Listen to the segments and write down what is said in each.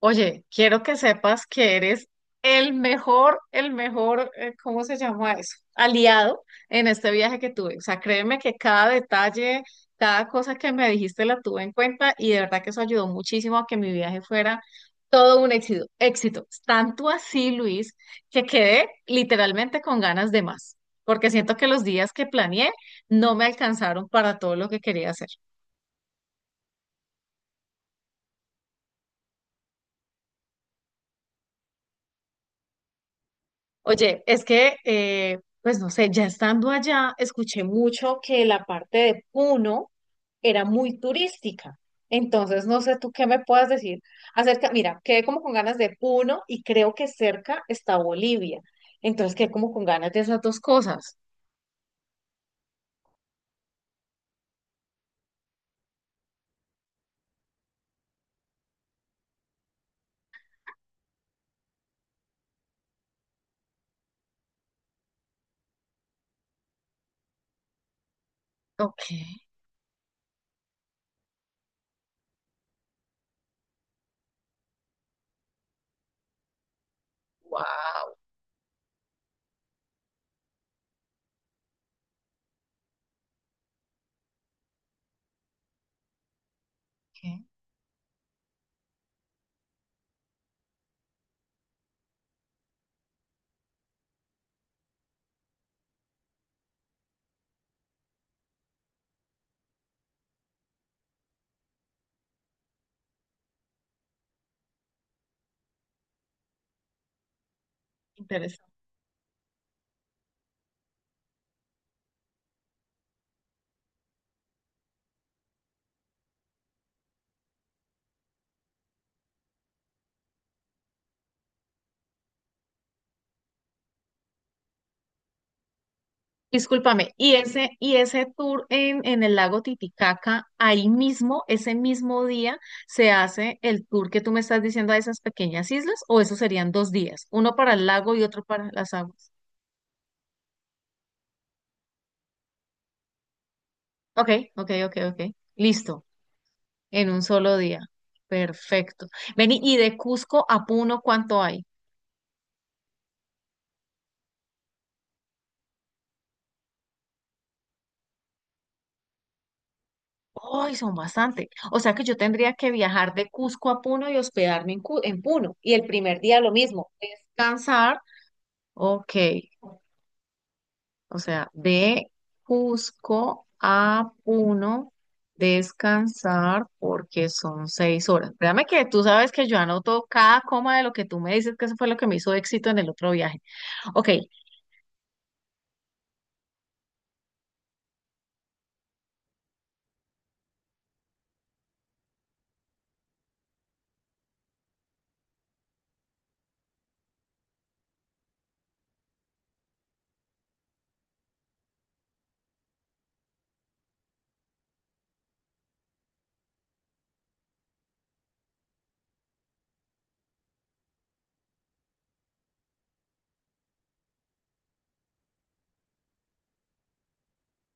Oye, quiero que sepas que eres el mejor, ¿cómo se llama eso? Aliado en este viaje que tuve. O sea, créeme que cada detalle, cada cosa que me dijiste la tuve en cuenta y de verdad que eso ayudó muchísimo a que mi viaje fuera todo un éxito, éxito. Tanto así, Luis, que quedé literalmente con ganas de más, porque siento que los días que planeé no me alcanzaron para todo lo que quería hacer. Oye, es que, pues no sé, ya estando allá, escuché mucho que la parte de Puno era muy turística. Entonces, no sé tú qué me puedas decir acerca, mira, quedé como con ganas de Puno y creo que cerca está Bolivia. Entonces, quedé como con ganas de esas dos cosas. Ok, wow, qué. Discúlpame, y ese tour en el lago Titicaca, ahí mismo, ese mismo día, se hace el tour que tú me estás diciendo a esas pequeñas islas, o eso serían dos días, uno para el lago y otro para las aguas. Ok, ok, ok, ok. Listo, en un solo día. Perfecto. Vení, y de Cusco a Puno, ¿cuánto hay? ¡Ay, son bastante! O sea que yo tendría que viajar de Cusco a Puno y hospedarme en Puno. Y el primer día lo mismo, descansar. Ok. O sea, de Cusco a Puno, descansar porque son 6 horas. Créame que tú sabes que yo anoto cada coma de lo que tú me dices, que eso fue lo que me hizo éxito en el otro viaje. Ok,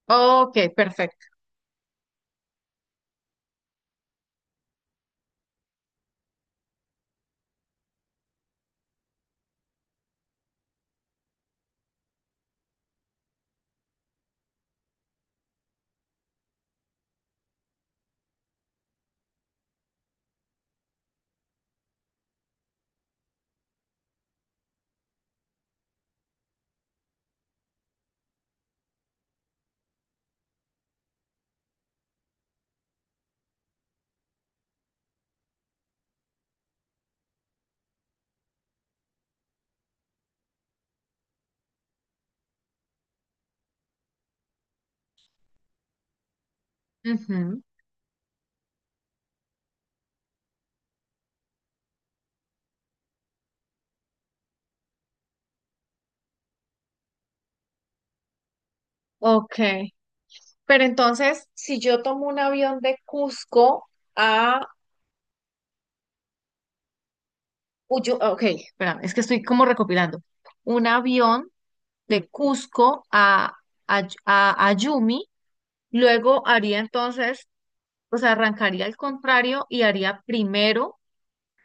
ok, perfecto. Ujú. Ok, pero entonces, si yo tomo un avión de Cusco a Uyo, ok, espérame, es que estoy como recopilando. Un avión de Cusco a Ayumi. Luego haría entonces. O sea, arrancaría al contrario y haría primero,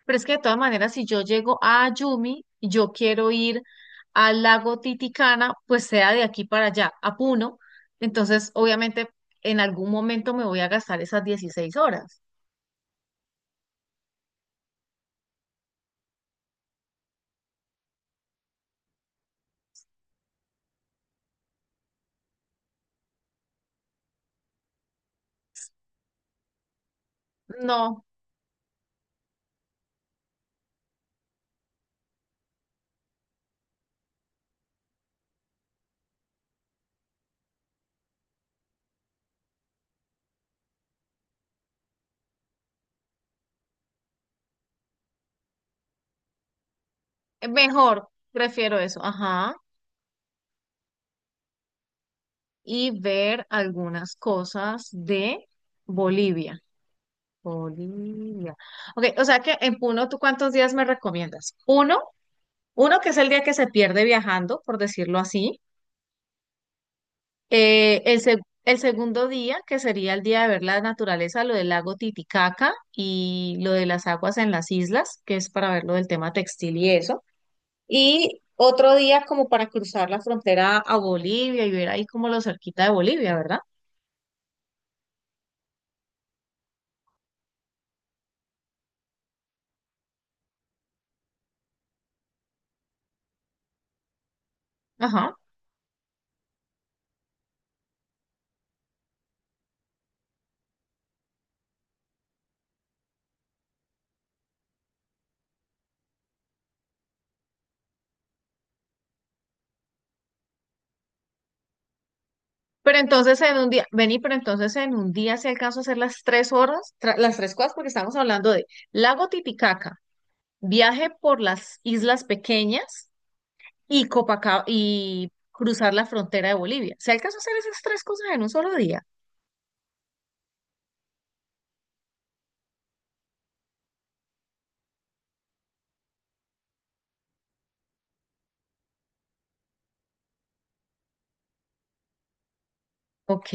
pero es que de todas maneras, si yo llego a Yumi, yo quiero ir al lago Titicana, pues sea de aquí para allá, a Puno, entonces obviamente en algún momento me voy a gastar esas 16 horas. No, mejor, prefiero eso, ajá, y ver algunas cosas de Bolivia. Bolivia. Ok, o sea que en Puno, ¿tú cuántos días me recomiendas? Uno. Uno que es el día que se pierde viajando, por decirlo así. El segundo día, que sería el día de ver la naturaleza, lo del lago Titicaca y lo de las aguas en las islas, que es para ver lo del tema textil y eso. Y otro día como para cruzar la frontera a Bolivia y ver ahí como lo cerquita de Bolivia, ¿verdad? Ajá. Pero entonces en un día, vení, pero entonces en un día si alcanzo a hacer las tres horas, las tres cosas, porque estamos hablando de lago Titicaca, viaje por las islas pequeñas y Copacabana y cruzar la frontera de Bolivia. ¿Se alcanzó a hacer esas tres cosas en un solo día? Ok,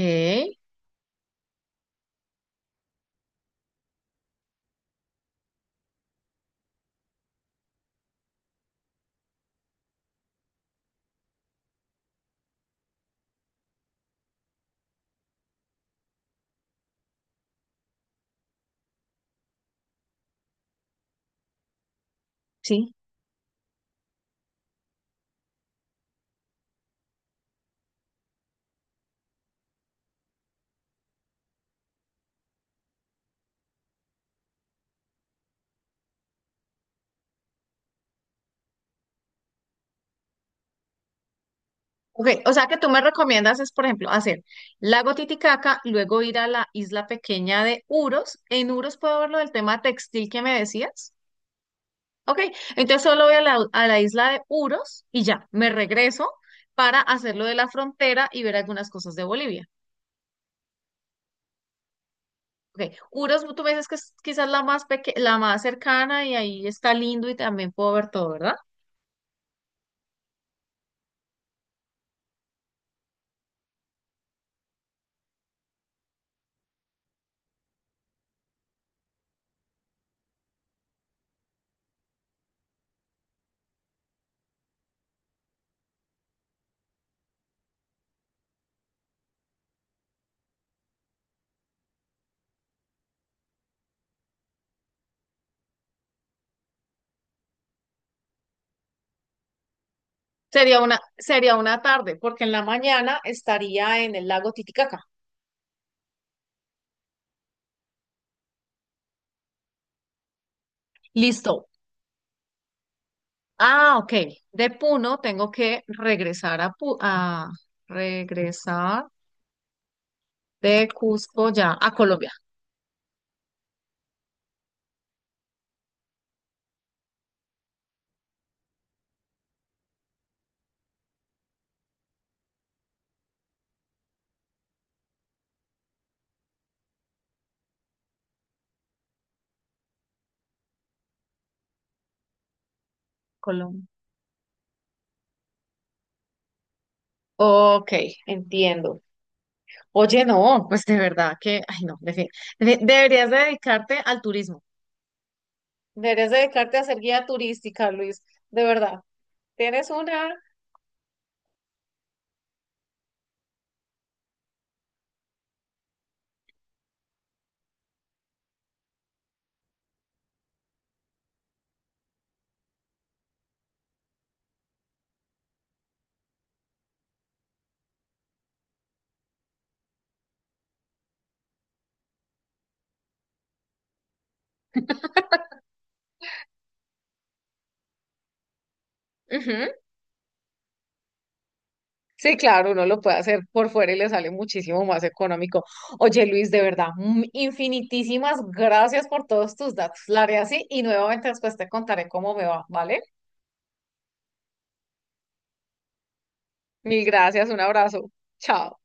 sí. Ok, o sea que tú me recomiendas es, por ejemplo, hacer Lago Titicaca, luego ir a la isla pequeña de Uros. En Uros puedo ver lo del tema textil que me decías. Ok, entonces solo voy a la isla de Uros y ya, me regreso para hacer lo de la frontera y ver algunas cosas de Bolivia. Ok, Uros, tú me dices que es quizás la más cercana y ahí está lindo y también puedo ver todo, ¿verdad? Sería una tarde, porque en la mañana estaría en el lago Titicaca. Listo. Ah, ok. De Puno tengo que regresar de Cusco ya a Colombia. Colombia. Ok, entiendo. Oye, no, pues de verdad que, ay, no, deberías dedicarte al turismo. Deberías dedicarte a ser guía turística, Luis. De verdad. Tienes una. Ujú. Sí, claro, uno lo puede hacer por fuera y le sale muchísimo más económico. Oye, Luis, de verdad, infinitísimas gracias por todos tus datos. La haré así y nuevamente después te contaré cómo me va, ¿vale? Mil gracias, un abrazo. Chao.